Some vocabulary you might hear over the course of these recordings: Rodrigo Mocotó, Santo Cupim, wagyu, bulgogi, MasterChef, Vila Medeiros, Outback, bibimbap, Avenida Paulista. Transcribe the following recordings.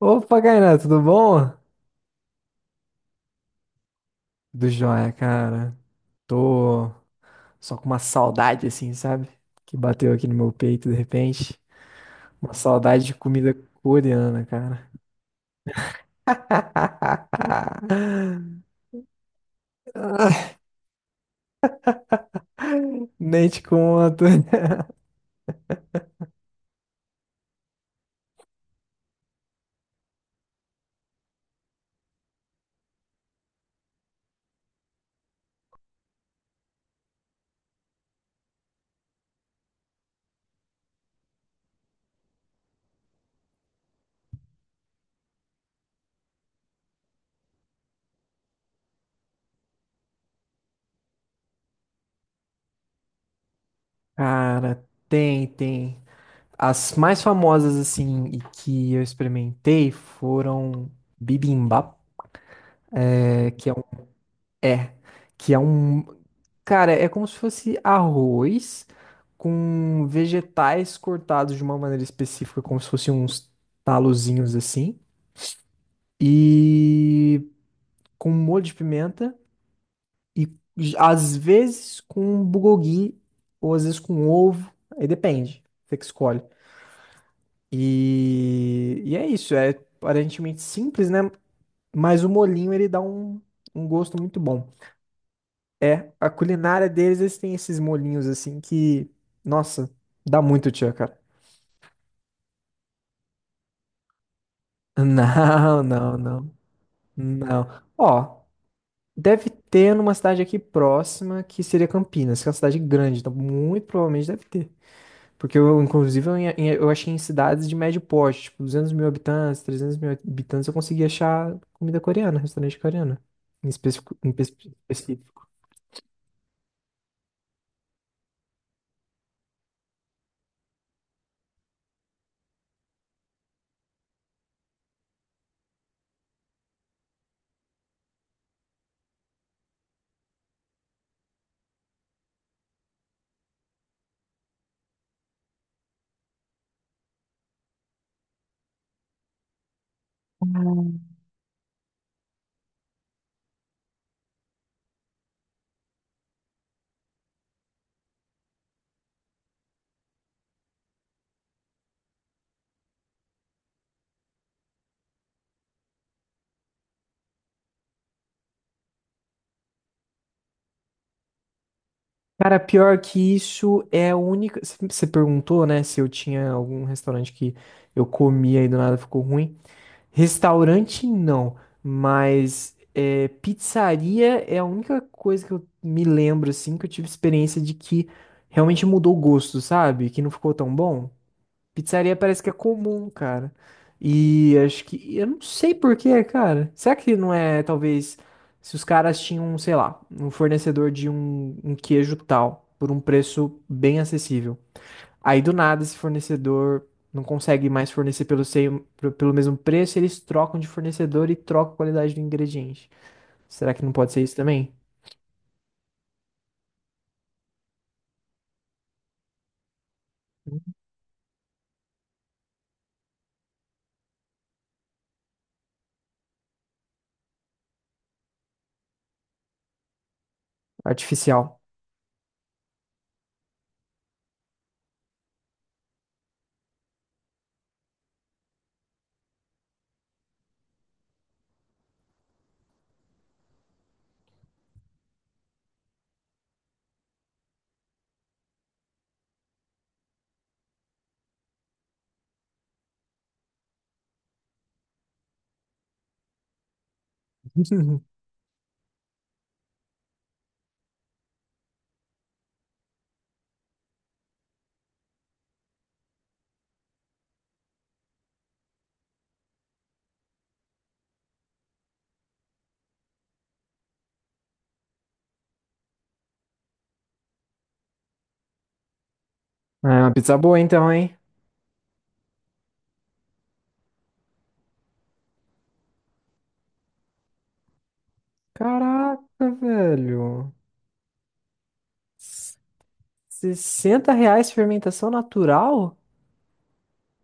Opa, Kainan, tudo bom? Do joia, cara. Tô só com uma saudade, assim, sabe? Que bateu aqui no meu peito de repente. Uma saudade de comida coreana, cara. Nem te conto. Cara, tem, tem. As mais famosas, assim, e que eu experimentei foram bibimbap, é, que é um. É. Que é um. Cara, é como se fosse arroz com vegetais cortados de uma maneira específica, como se fossem uns talozinhos assim, e com um molho de pimenta, e às vezes com um bulgogi, ou às vezes com um ovo, aí depende, você que escolhe. E é isso, é aparentemente simples, né? Mas o molhinho ele dá um gosto muito bom. É, a culinária deles, eles têm esses molhinhos assim que, nossa, dá muito tchan, cara. Não, não, não, não. Ó, deve ter numa cidade aqui próxima que seria Campinas, que é uma cidade grande, então muito provavelmente deve ter. Porque eu, inclusive, eu achei em cidades de médio porte, tipo 200 mil habitantes, 300 mil habitantes, eu consegui achar comida coreana, restaurante coreano, em específico. Em específico. Cara, pior que isso é a única. Você perguntou, né, se eu tinha algum restaurante que eu comia e do nada ficou ruim. Restaurante não, mas é, pizzaria é a única coisa que eu me lembro, assim, que eu tive experiência de que realmente mudou o gosto, sabe? Que não ficou tão bom. Pizzaria parece que é comum, cara. E acho que. Eu não sei por quê, cara. Será que não é, talvez, se os caras tinham, sei lá, um fornecedor de um queijo tal, por um preço bem acessível. Aí do nada esse fornecedor não consegue mais fornecer pelo, pelo mesmo preço, eles trocam de fornecedor e trocam a qualidade do ingrediente. Será que não pode ser isso também? Artificial. É uma pizza boa então, hein? Caraca, velho. R$ 60 fermentação natural?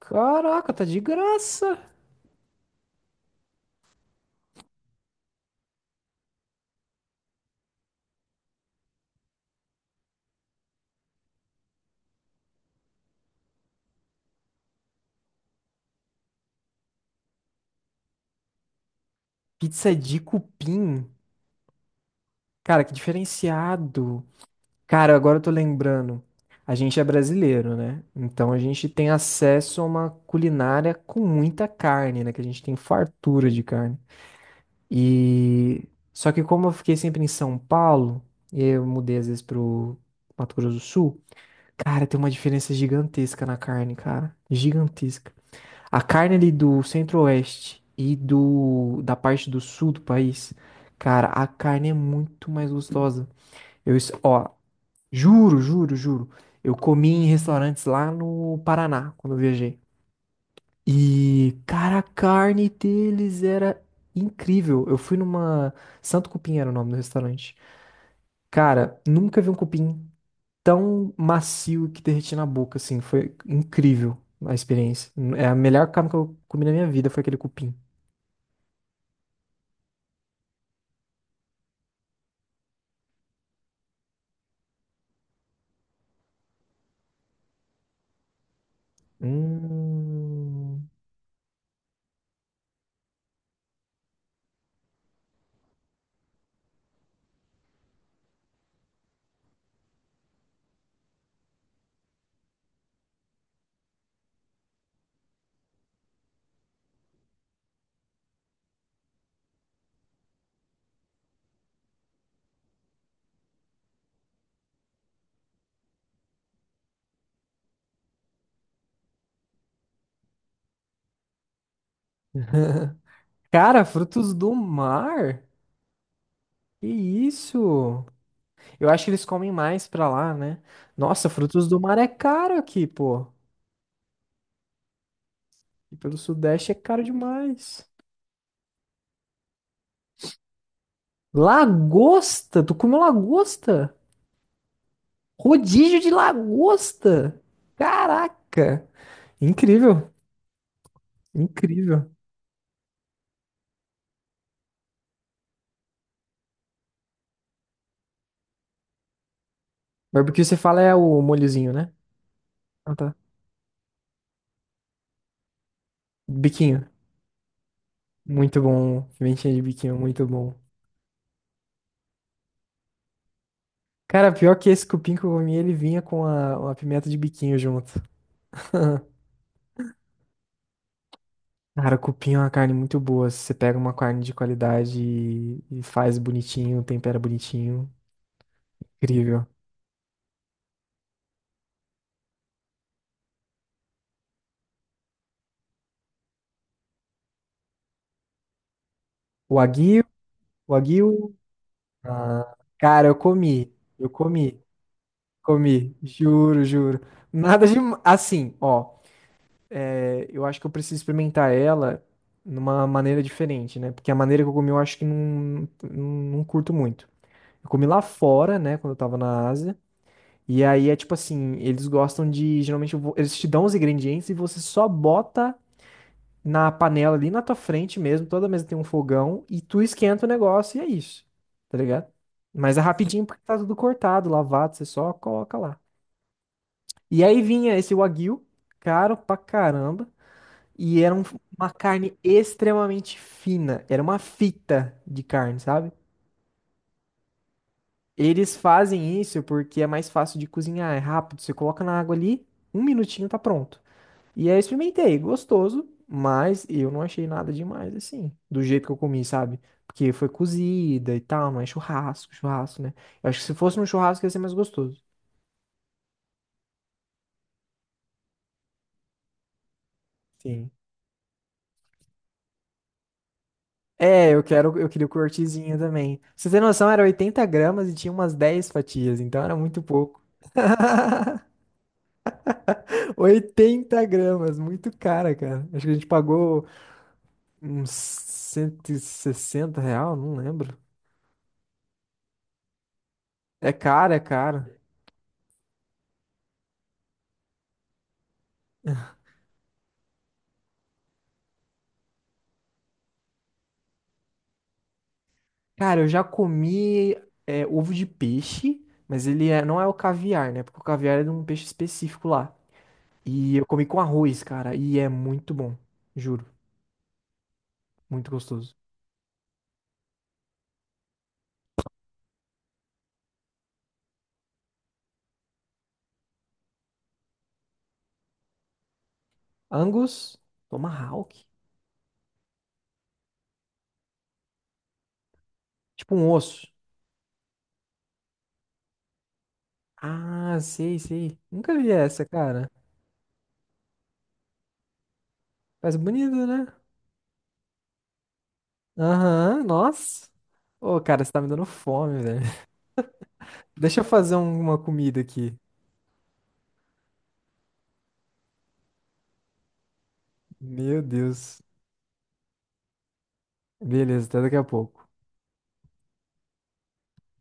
Caraca, tá de graça. Pizza de cupim. Cara, que diferenciado. Cara, agora eu tô lembrando. A gente é brasileiro, né? Então a gente tem acesso a uma culinária com muita carne, né? Que a gente tem fartura de carne. E só que como eu fiquei sempre em São Paulo, e aí eu mudei às vezes pro Mato Grosso do Sul, cara, tem uma diferença gigantesca na carne, cara. Gigantesca. A carne ali do centro-oeste e do da parte do sul do país, cara, a carne é muito mais gostosa. Ó, juro, juro, juro. Eu comi em restaurantes lá no Paraná quando eu viajei. E, cara, a carne deles era incrível. Eu fui numa Santo Cupim era o nome do restaurante. Cara, nunca vi um cupim tão macio que derreti na boca, assim. Foi incrível a experiência. É a melhor carne que eu comi na minha vida, foi aquele cupim. Hum. Cara, frutos do mar? Que isso? Eu acho que eles comem mais pra lá, né? Nossa, frutos do mar é caro aqui, pô. E pelo Sudeste é caro demais. Lagosta? Tu comeu lagosta? Rodízio de lagosta? Caraca! Incrível, incrível. Mas porque você fala é o molhozinho, né? Ah, tá. Biquinho. Muito bom. Pimentinha de biquinho, muito bom. Cara, pior que esse cupim que eu comi, ele vinha com a, uma pimenta de biquinho junto. Cara, cupim é uma carne muito boa. Se você pega uma carne de qualidade e faz bonitinho, tempera bonitinho, incrível. O aguil, o aguil. Ah, cara, eu comi, comi, juro, juro. Nada de assim, ó. É, eu acho que eu preciso experimentar ela numa maneira diferente, né? Porque a maneira que eu comi, eu acho que não curto muito. Eu comi lá fora, né? Quando eu tava na Ásia. E aí é tipo assim, eles gostam de, geralmente eles te dão os ingredientes e você só bota na panela ali na tua frente mesmo, toda mesa tem um fogão e tu esquenta o negócio e é isso. Tá ligado? Mas é rapidinho porque tá tudo cortado, lavado, você só coloca lá. E aí vinha esse wagyu, caro pra caramba, e era uma carne extremamente fina, era uma fita de carne, sabe? Eles fazem isso porque é mais fácil de cozinhar, é rápido, você coloca na água ali, um minutinho tá pronto. E aí eu experimentei, gostoso, mas eu não achei nada demais assim, do jeito que eu comi, sabe? Porque foi cozida e tal, não é churrasco, churrasco, né? Eu acho que se fosse um churrasco ia ser mais gostoso. Sim. É, eu quero, eu queria o cortezinho também. Pra você tem noção, era 80 g e tinha umas 10 fatias, então era muito pouco. 80 g, muito cara, cara. Acho que a gente pagou uns R$ 160, não lembro. É caro, é caro. Cara, eu já comi é, ovo de peixe, mas ele não é o caviar, né? Porque o caviar é de um peixe específico lá. E eu comi com arroz, cara, e é muito bom. Juro, muito gostoso. Angus, tomahawk, tipo um osso. Ah, sei, sei. Nunca vi essa, cara. Mas bonito, né? Aham, nossa. Ô, cara, você tá me dando fome, velho. Deixa eu fazer uma comida aqui. Meu Deus. Beleza, até daqui a pouco.